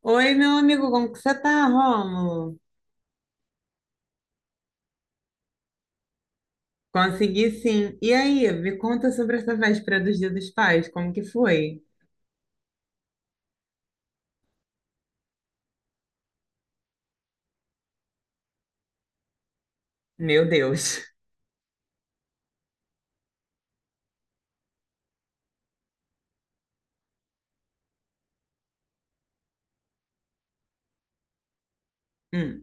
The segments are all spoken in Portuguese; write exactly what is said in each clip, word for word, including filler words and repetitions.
Oi, meu amigo, como que você tá, Rômulo? Consegui sim. E aí, me conta sobre essa véspera dos Dia dos Pais, como que foi? Meu Deus. Hum.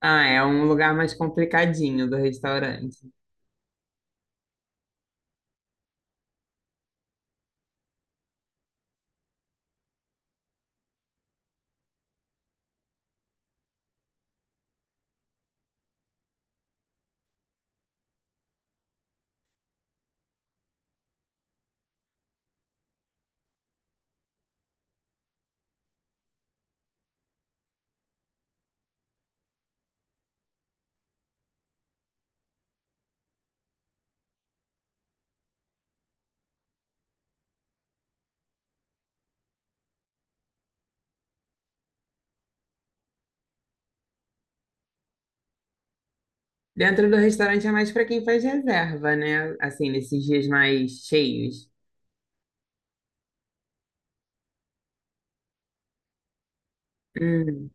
Ah, é um lugar mais complicadinho do restaurante. Dentro do restaurante é mais para quem faz reserva, né? Assim, nesses dias mais cheios. Hum,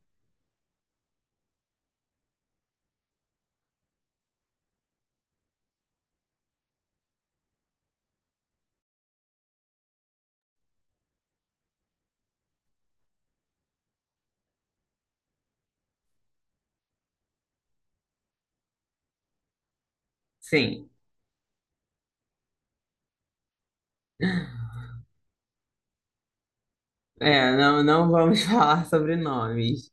sim. É, não, não vamos falar sobre nomes.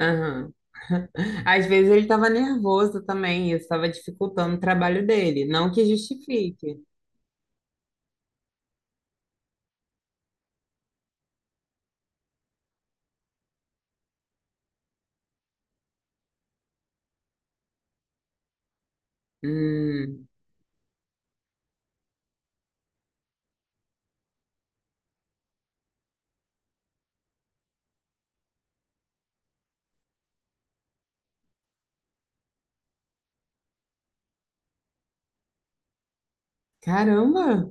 Aham. Às vezes ele estava nervoso também, isso estava dificultando o trabalho dele. Não que justifique. Hum, caramba!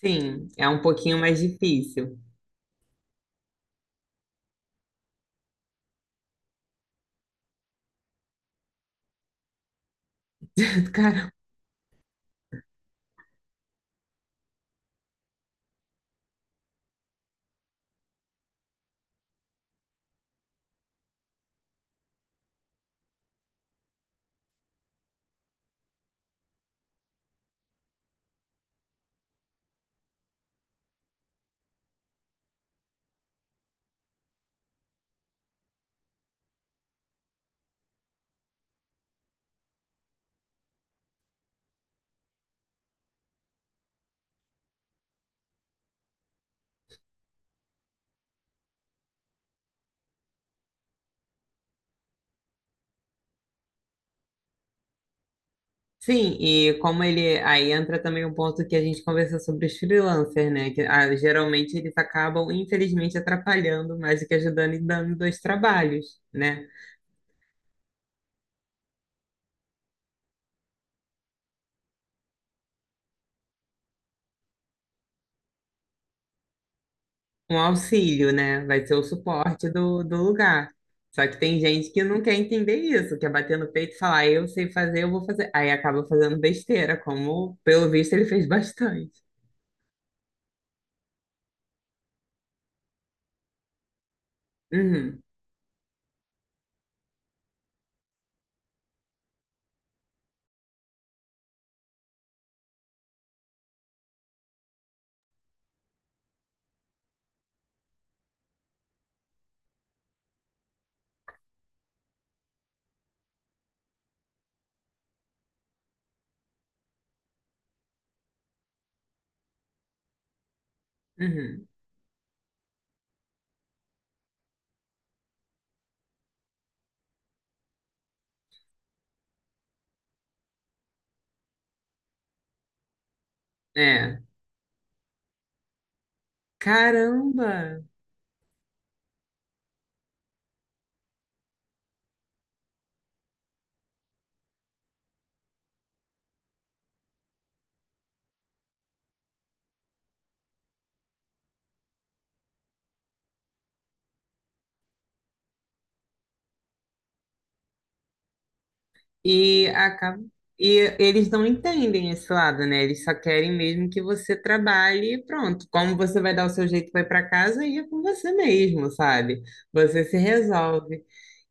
Sim, é um pouquinho mais difícil. Cara, sim, e como ele. Aí entra também um ponto que a gente conversou sobre os freelancers, né? Que ah, geralmente eles acabam, infelizmente, atrapalhando mais do que ajudando e dando dois trabalhos, né? Um auxílio, né? Vai ser o suporte do, do lugar. Só que tem gente que não quer entender isso, quer bater no peito e falar, "Ah, eu sei fazer, eu vou fazer. Aí acaba fazendo besteira, como pelo visto ele fez bastante. Uhum, uhum. É. Caramba! E acaba e eles não entendem esse lado, né? Eles só querem mesmo que você trabalhe e pronto. Como você vai dar o seu jeito, vai para casa e é com você mesmo, sabe? Você se resolve.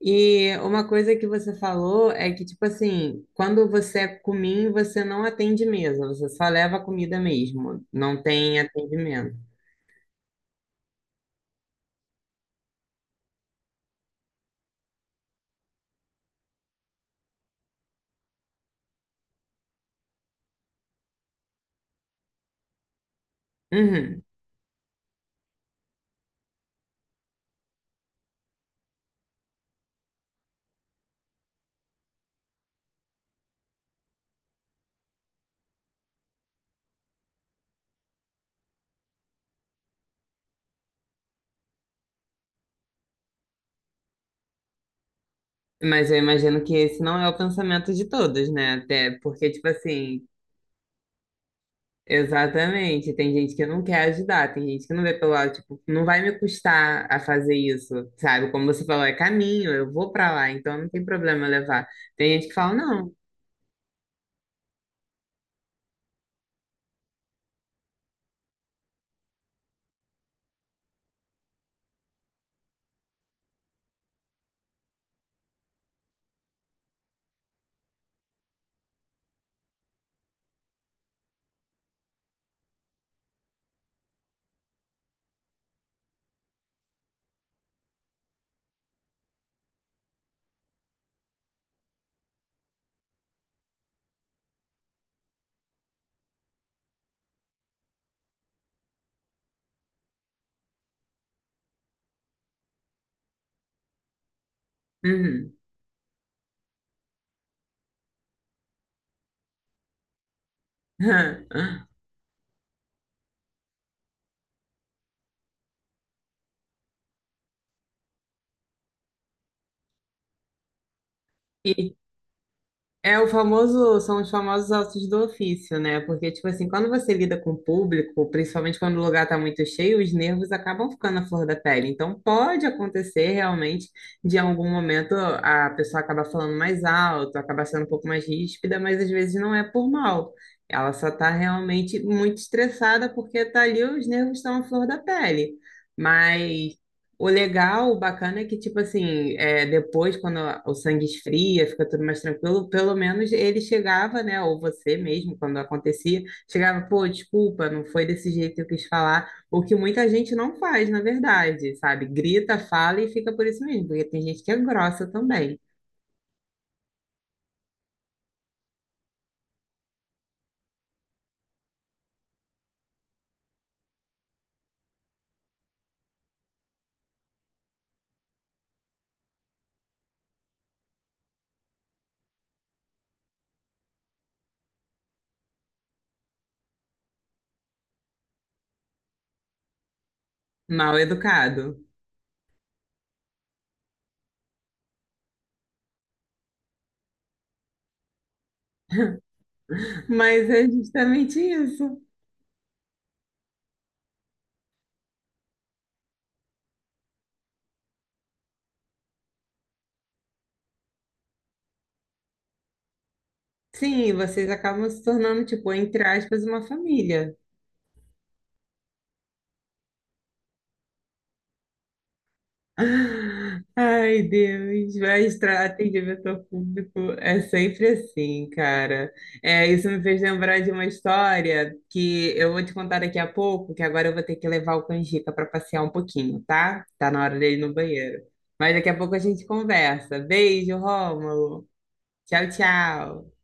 E uma coisa que você falou é que, tipo assim, quando você é cominho, você não atende mesa, você só leva a comida mesmo, não tem atendimento. Uhum. Mas eu imagino que esse não é o pensamento de todos, né? Até porque, tipo assim, exatamente. Tem gente que não quer ajudar, tem gente que não vê pelo lado, tipo, não vai me custar a fazer isso, sabe? Como você falou, é caminho, eu vou pra lá, então não tem problema levar. Tem gente que fala, não. Uhum. E é o famoso, são os famosos ossos do ofício, né? Porque, tipo assim, quando você lida com o público, principalmente quando o lugar tá muito cheio, os nervos acabam ficando à flor da pele. Então, pode acontecer realmente de, em algum momento, a pessoa acaba falando mais alto, acaba sendo um pouco mais ríspida, mas às vezes não é por mal. Ela só tá realmente muito estressada porque tá ali, os nervos estão à flor da pele. Mas o legal, o bacana é que, tipo assim, é, depois, quando a- o sangue esfria, fica tudo mais tranquilo, pelo menos ele chegava, né? Ou você mesmo, quando acontecia, chegava, pô, desculpa, não foi desse jeito que eu quis falar. O que muita gente não faz, na verdade, sabe? Grita, fala e fica por isso mesmo, porque tem gente que é grossa também, mal educado. Mas é justamente isso. Sim, vocês acabam se tornando, tipo, entre aspas, uma família. Ai, Deus, vai tra- atendimento ao público é sempre assim, cara. É, isso me fez lembrar de uma história que eu vou te contar daqui a pouco, que agora eu vou ter que levar o Canjica para passear um pouquinho, tá? Tá na hora dele ir no banheiro. Mas daqui a pouco a gente conversa. Beijo, Rômulo. Tchau, tchau.